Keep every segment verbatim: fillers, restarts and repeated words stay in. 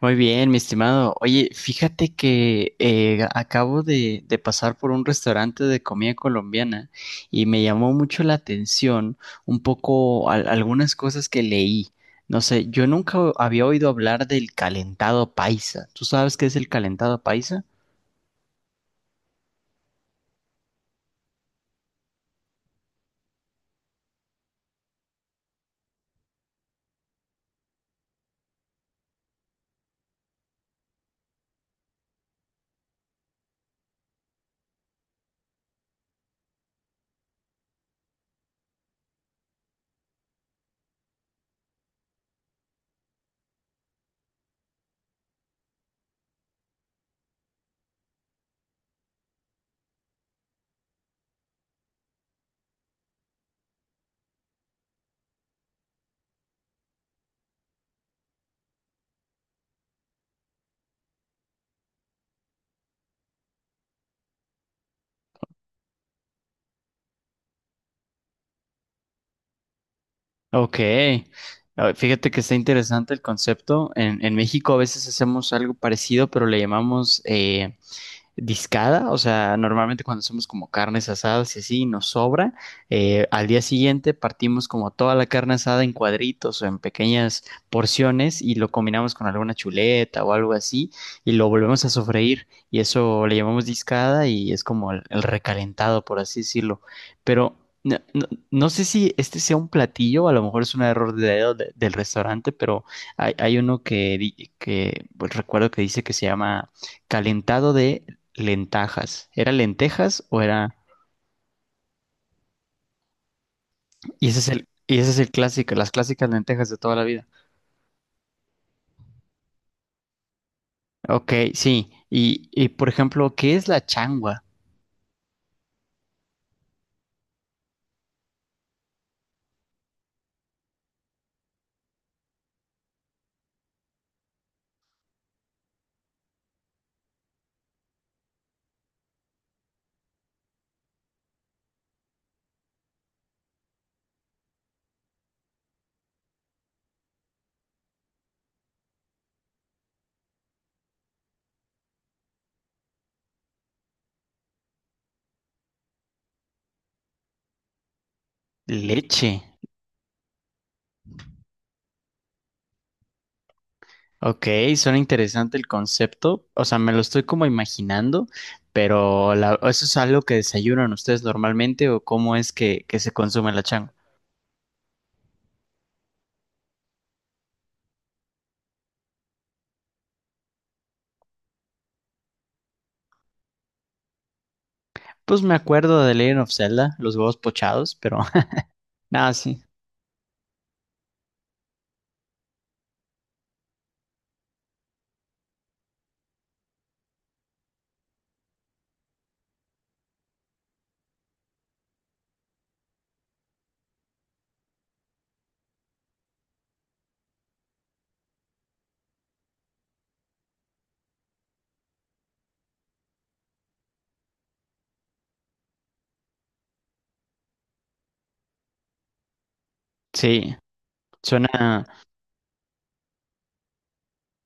Muy bien, mi estimado. Oye, fíjate que eh, acabo de, de pasar por un restaurante de comida colombiana y me llamó mucho la atención un poco al- algunas cosas que leí. No sé, yo nunca había oído hablar del calentado paisa. ¿Tú sabes qué es el calentado paisa? Ok. Ah, fíjate que está interesante el concepto. En, en México a veces hacemos algo parecido, pero le llamamos eh, discada. O sea, normalmente cuando hacemos como carnes asadas y así nos sobra, eh, al día siguiente partimos como toda la carne asada en cuadritos o en pequeñas porciones y lo combinamos con alguna chuleta o algo así y lo volvemos a sofreír, y eso le llamamos discada y es como el, el recalentado, por así decirlo. Pero no, no- no sé si este sea un platillo, a lo mejor es un error de dedo de- del restaurante, pero hay, hay uno que, di- que pues, recuerdo que dice que se llama calentado de Lentajas. ¿Era lentejas o era...? Y ese es el, y ese es el clásico, las clásicas lentejas de toda la vida. Ok, sí. Y, y por ejemplo, ¿qué es la changua? Leche. Ok, suena interesante el concepto. O sea, me lo estoy como imaginando, pero la- ¿eso es algo que desayunan ustedes normalmente o cómo es que, que se consume la changua? Pues me acuerdo de Legend of Zelda, los huevos pochados, pero nada, sí. Sí, suena.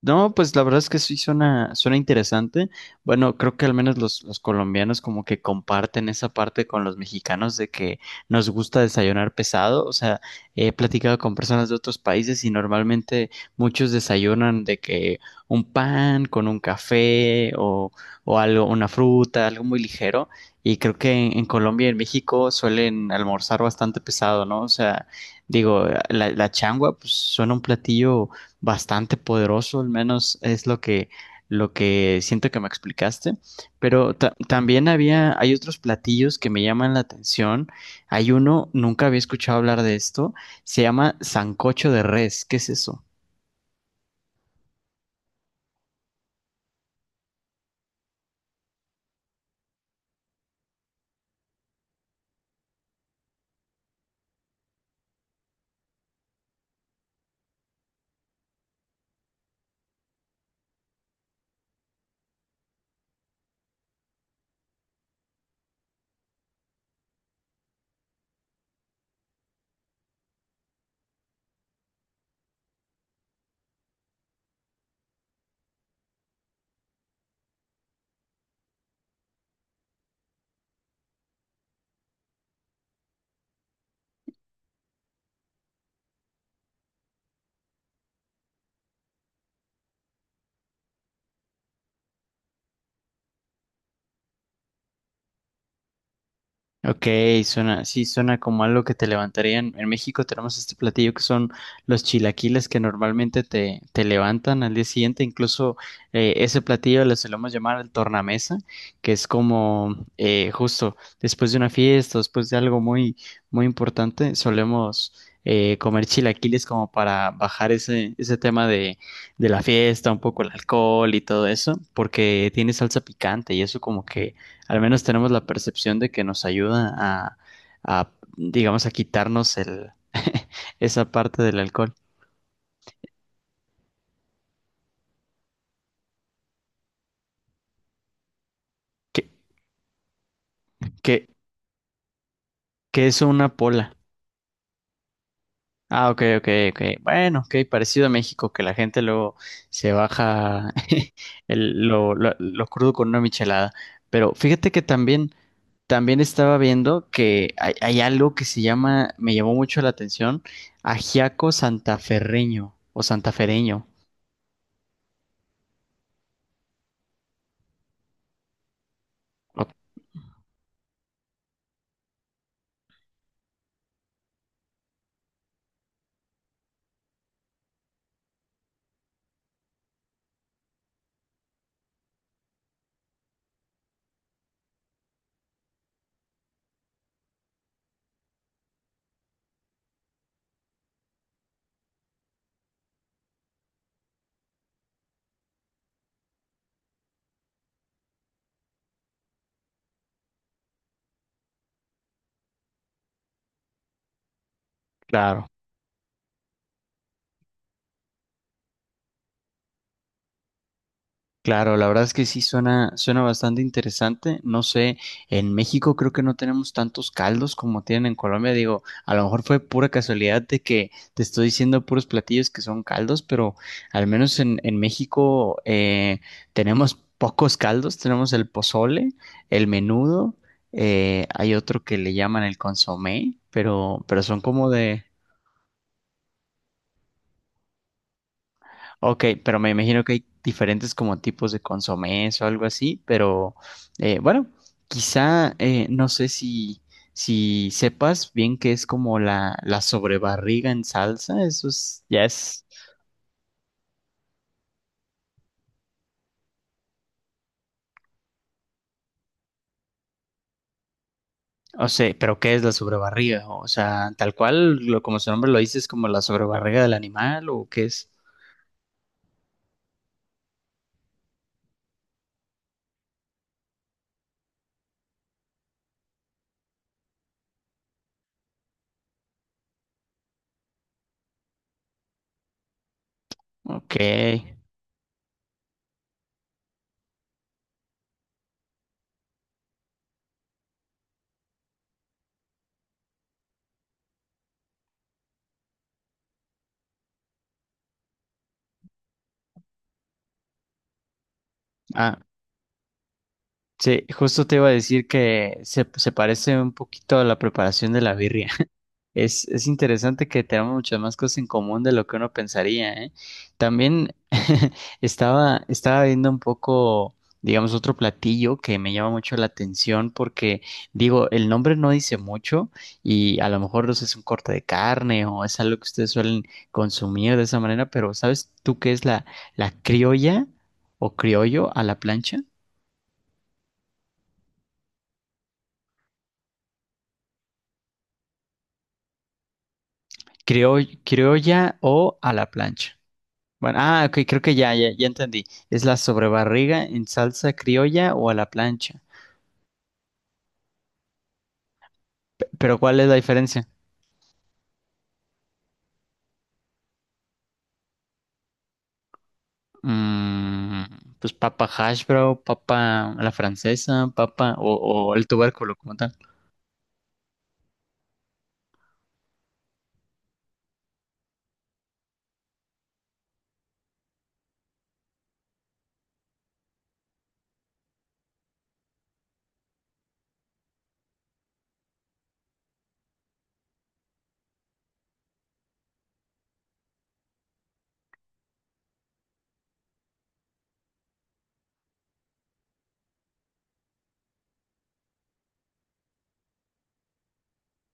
No, pues la verdad es que sí suena, suena interesante. Bueno, creo que al menos los, los colombianos como que comparten esa parte con los mexicanos de que nos gusta desayunar pesado. O sea, he platicado con personas de otros países y normalmente muchos desayunan de que un pan con un café o, o algo, una fruta, algo muy ligero. Y creo que en, en Colombia y en México suelen almorzar bastante pesado, ¿no? O sea, digo, la, la changua pues suena un platillo bastante poderoso, al menos es lo que, lo que siento que me explicaste. Pero ta- también había, hay otros platillos que me llaman la atención. Hay uno, nunca había escuchado hablar de esto, se llama sancocho de res. ¿Qué es eso? Ok, suena, sí, suena como algo que te levantarían. En, en México tenemos este platillo que son los chilaquiles que normalmente te, te levantan al día siguiente. Incluso eh, ese platillo le solemos llamar el tornamesa, que es como eh, justo después de una fiesta, después de algo muy, muy importante, solemos eh, comer chilaquiles como para bajar ese, ese tema de, de la fiesta, un poco el alcohol y todo eso, porque tiene salsa picante y eso como que al menos tenemos la percepción de que nos ayuda a, a, digamos, a quitarnos el, esa parte del alcohol. ¿Qué, qué, qué es una pola? Ah, ok, ok, ok. Bueno, ok, parecido a México, que la gente luego se baja el- lo, lo- lo crudo con una michelada. Pero fíjate que también, también estaba viendo que hay, hay algo que se llama, me llamó mucho la atención, ajiaco santaferreño o santafereño. O- Claro. Claro, la verdad es que sí suena, suena bastante interesante. No sé, en México creo que no tenemos tantos caldos como tienen en Colombia. Digo, a lo mejor fue pura casualidad de que te estoy diciendo puros platillos que son caldos, pero al menos en, en México eh, tenemos pocos caldos. Tenemos el pozole, el menudo, eh, hay otro que le llaman el consomé, pero, pero son como de... Ok, pero me imagino que hay diferentes como tipos de consomés o algo así, pero eh, bueno, quizá eh, no sé si, si sepas bien que es como la, la sobrebarriga en salsa, eso es, ya es, o sea, pero ¿qué es la sobrebarriga? O sea, tal cual, lo, como su nombre lo dice, es como la sobrebarriga del animal o qué es. Ok, ah, sí, justo te iba a decir que se, se parece un poquito a la preparación de la birria. Es, es interesante que tenemos muchas más cosas en común de lo que uno pensaría, ¿eh? También estaba, estaba viendo un poco, digamos, otro platillo que me llama mucho la atención porque, digo, el nombre no dice mucho y a lo mejor no sé, es un corte de carne o es algo que ustedes suelen consumir de esa manera, pero ¿sabes tú qué es la, la criolla o criollo a la plancha? Crioll- criolla o a la plancha. Bueno, ah, ok, creo que ya, ya, ya entendí. ¿Es la sobrebarriga en salsa criolla o a la plancha? Pero ¿cuál es la diferencia? Mm, pues papa hash brown, papa a la francesa, papa o, o el tubérculo como tal.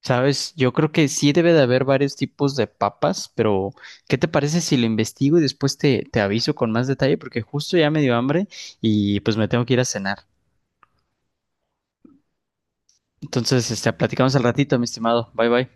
Sabes, yo creo que sí debe de haber varios tipos de papas, pero ¿qué te parece si lo investigo y después te, te aviso con más detalle? Porque justo ya me dio hambre y pues me tengo que ir a cenar. Entonces, este, platicamos al ratito, mi estimado. Bye bye.